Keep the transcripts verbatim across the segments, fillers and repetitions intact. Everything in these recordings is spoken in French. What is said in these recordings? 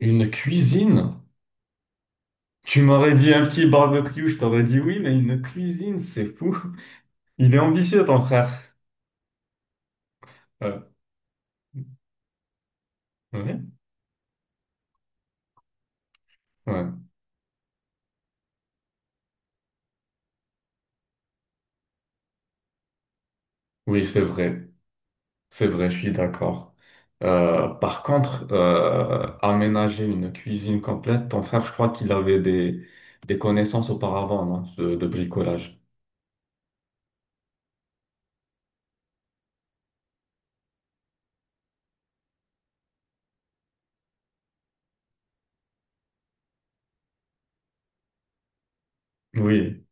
Une cuisine? Tu m'aurais dit un petit barbecue, je t'aurais dit oui, mais une cuisine, c'est fou. Il est ambitieux, ton frère. Euh, ouais, ouais. Oui, c'est vrai. C'est vrai, je suis d'accord. Euh, par contre, euh, aménager une cuisine complète, ton frère, je crois qu'il avait des, des connaissances auparavant, non, de, de bricolage. Oui,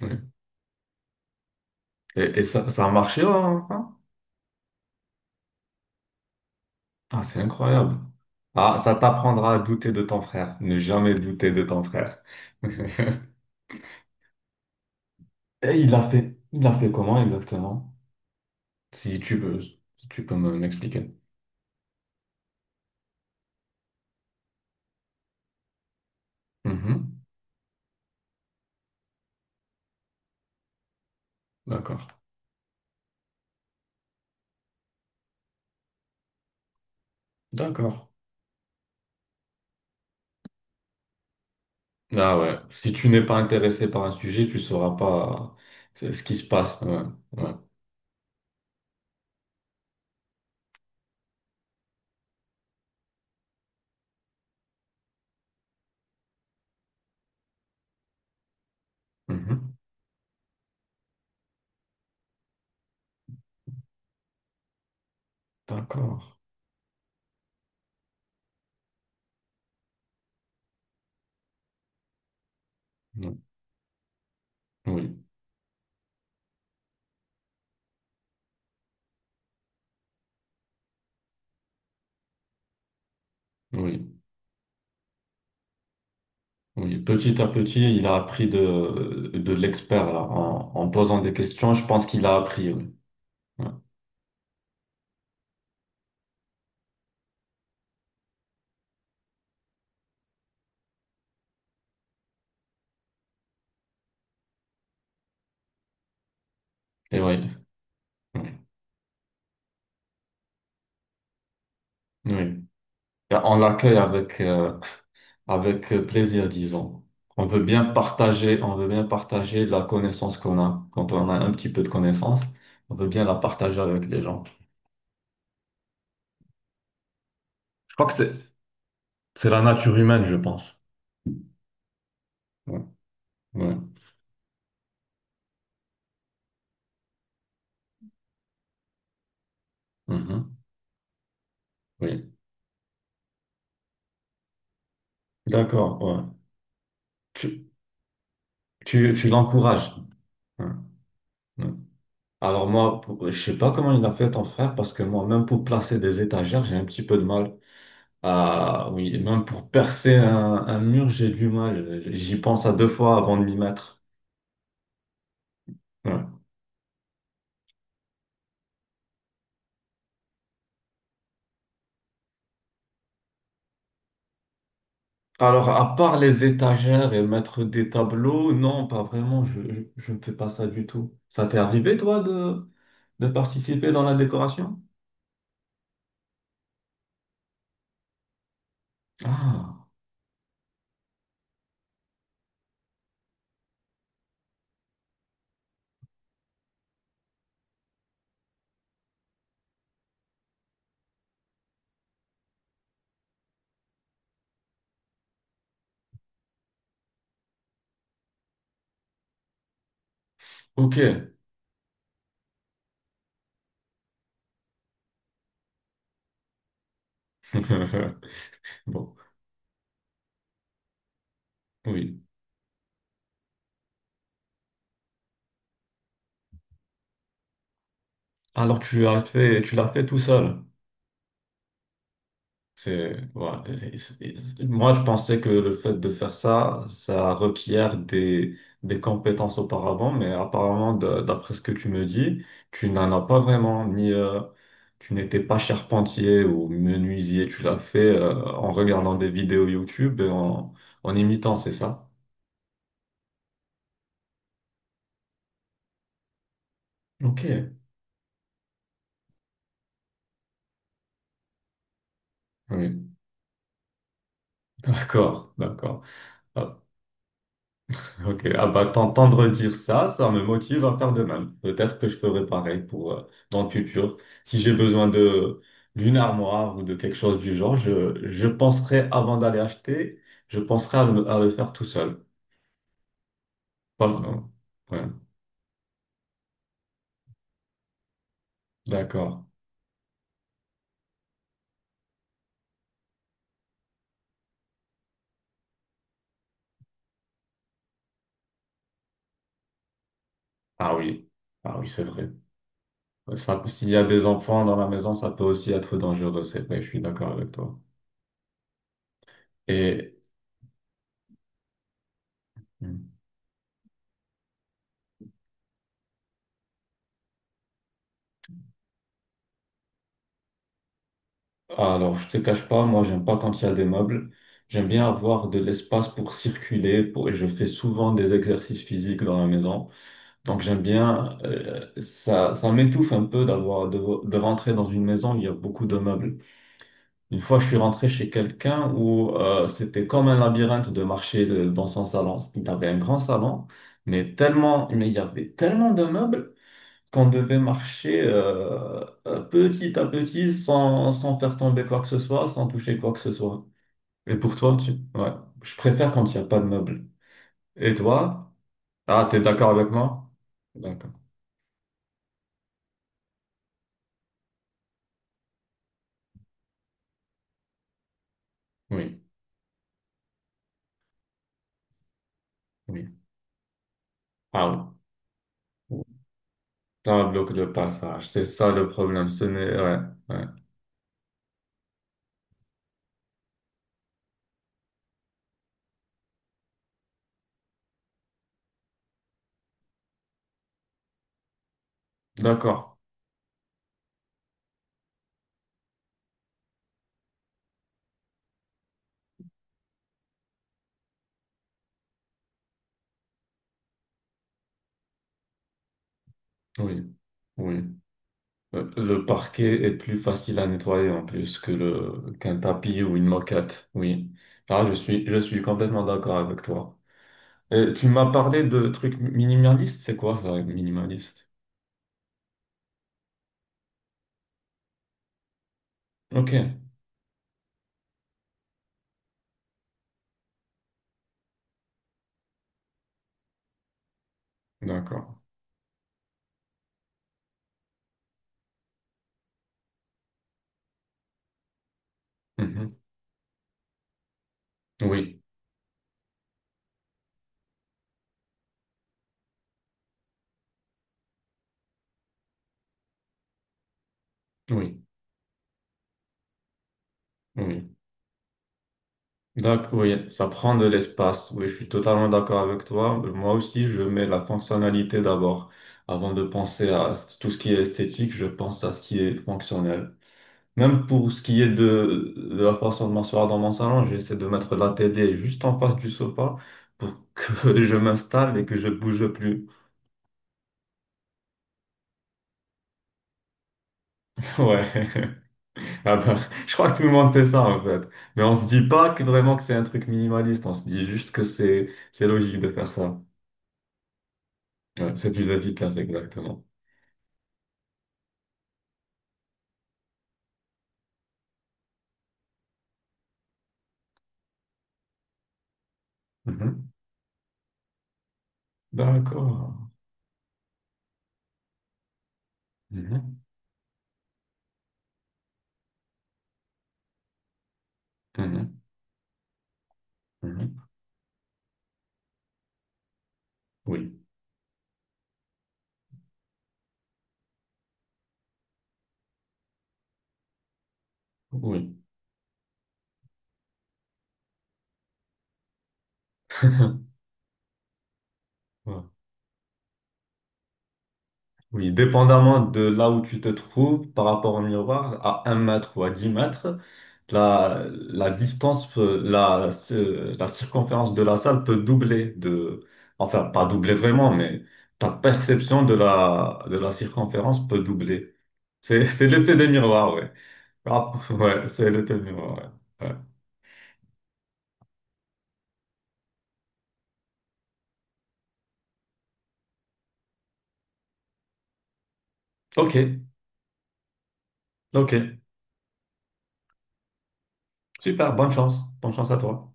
oui. Et, et ça, ça a marché, hein? Hein? Ah, c'est incroyable. Ah, ça t'apprendra à douter de ton frère. Ne jamais douter de ton frère. Et il l'a fait, il l'a fait comment exactement? Si tu peux, si tu peux me- m'expliquer. Mhm. D'accord. D'accord. Ah ouais. Si tu n'es pas intéressé par un sujet, tu sauras pas ce ce qui se passe. Ouais. Ouais. Mhm. D'accord. Mm. Oui. Oui. Oui. Petit à petit, il a appris de, de l'expert là. En, en posant des questions, je pense qu'il a appris. Oui. Ouais. Et oui. Oui. Oui. Et on l'accueille avec, euh, avec euh, plaisir, disons. On veut bien partager, on veut bien partager la connaissance qu'on a. Quand on a un petit peu de connaissance, on veut bien la partager avec les gens. Je crois que c'est c'est la nature humaine, je pense. Ouais, ouais, mhm, oui. D'accord, ouais. Tu, tu, tu l'encourages. Ouais, ouais. Alors moi, pour- je sais pas comment il a fait ton frère, parce que moi, même pour placer des étagères, j'ai un petit peu de mal. Ah oui, même pour percer un, un mur, j'ai du mal. J'y pense à deux fois avant de m'y mettre. Ouais. Alors, à part les étagères et mettre des tableaux, non, pas vraiment, je, je, je ne fais pas ça du tout. Ça t'est arrivé, toi, de, de participer dans la décoration? Ah, ok. Bon, oui. Alors, tu as fait, tu l'as fait tout seul. C'est, voilà. Et- et- et- Moi, je pensais que le fait de faire ça, ça requiert des, des compétences auparavant, mais apparemment, de- d'après ce que tu me dis, tu n'en as pas vraiment, ni euh, tu n'étais pas charpentier ou menuisier, tu l'as fait euh, en regardant des vidéos YouTube et en, en imitant, c'est ça? Ok, oui, d'accord, d'accord. Ah, ok, ah bah t'entendre dire ça, ça me motive à faire de même. Peut-être que je ferai pareil pour euh, dans le futur. Si j'ai besoin de d'une armoire ou de quelque chose du genre, je, je penserai avant d'aller acheter, je penserai à le, à le faire tout seul. Pas- ouais, d'accord. Ah oui, ah oui, c'est vrai. Ouais, ça, s'il y a des enfants dans la maison, ça peut aussi être dangereux, c'est vrai, je suis d'accord avec toi. Et alors, je te cache pas, moi, j'aime pas quand il y a des meubles. J'aime bien avoir de l'espace pour circuler, pour... et je fais souvent des exercices physiques dans la maison. Donc, j'aime bien, euh, ça, ça m'étouffe un peu d'avoir, de, de rentrer dans une maison où il y a beaucoup de meubles. Une fois, je suis rentré chez quelqu'un où euh, c'était comme un labyrinthe de marcher euh, dans son salon. Il avait un grand salon, mais tellement, mais il y avait tellement de meubles qu'on devait marcher euh, euh, petit à petit sans, sans faire tomber quoi que ce soit, sans toucher quoi que ce soit. Et pour toi, tu... ouais, je préfère quand il n'y a pas de meubles. Et toi? Ah, t'es d'accord avec moi? D'accord. Oui, oui. Ah oui. T'as un bloc de passage, c'est ça le problème. Ce n'est... Ouais, ouais. D'accord. Oui, oui. Euh, le parquet est plus facile à nettoyer en plus que le qu'un tapis ou une moquette. Oui. Ah, je suis, je suis complètement d'accord avec toi. Et tu m'as parlé de trucs minimalistes, c'est quoi ça, minimaliste? Ok, d'accord. Mhm. Oui, oui, oui. D'accord, oui, ça prend de l'espace. Oui, je suis totalement d'accord avec toi. Euh, Moi aussi, je mets la fonctionnalité d'abord. Avant de penser à tout ce qui est esthétique, je pense à ce qui est fonctionnel. Même pour ce qui est de, de la façon de m'asseoir dans mon salon, j'essaie de mettre la télé juste en face du sofa pour que je m'installe et que je bouge plus. Ouais. Ah bah, je crois que tout le monde fait ça en fait. Mais on se dit pas que vraiment que c'est un truc minimaliste, on se dit juste que c'est c'est logique de faire ça. Ouais, c'est plus efficace, exactement. Mhm. D'accord. Mhm. Mhm. Mhm. Oui. Oui. Ouais. Oui, dépendamment de là où tu te trouves par rapport au miroir, à un mètre ou à dix mètres, La, la distance, peut- la, ce- la circonférence de la salle peut doubler de, enfin, pas doubler vraiment, mais ta perception de la, de la circonférence peut doubler. C'est, c'est l'effet des miroirs, ouais. Ah, ouais, c'est l'effet des miroirs, ouais. Ouais. Ok, ok. Super, bonne chance. Bonne chance à toi.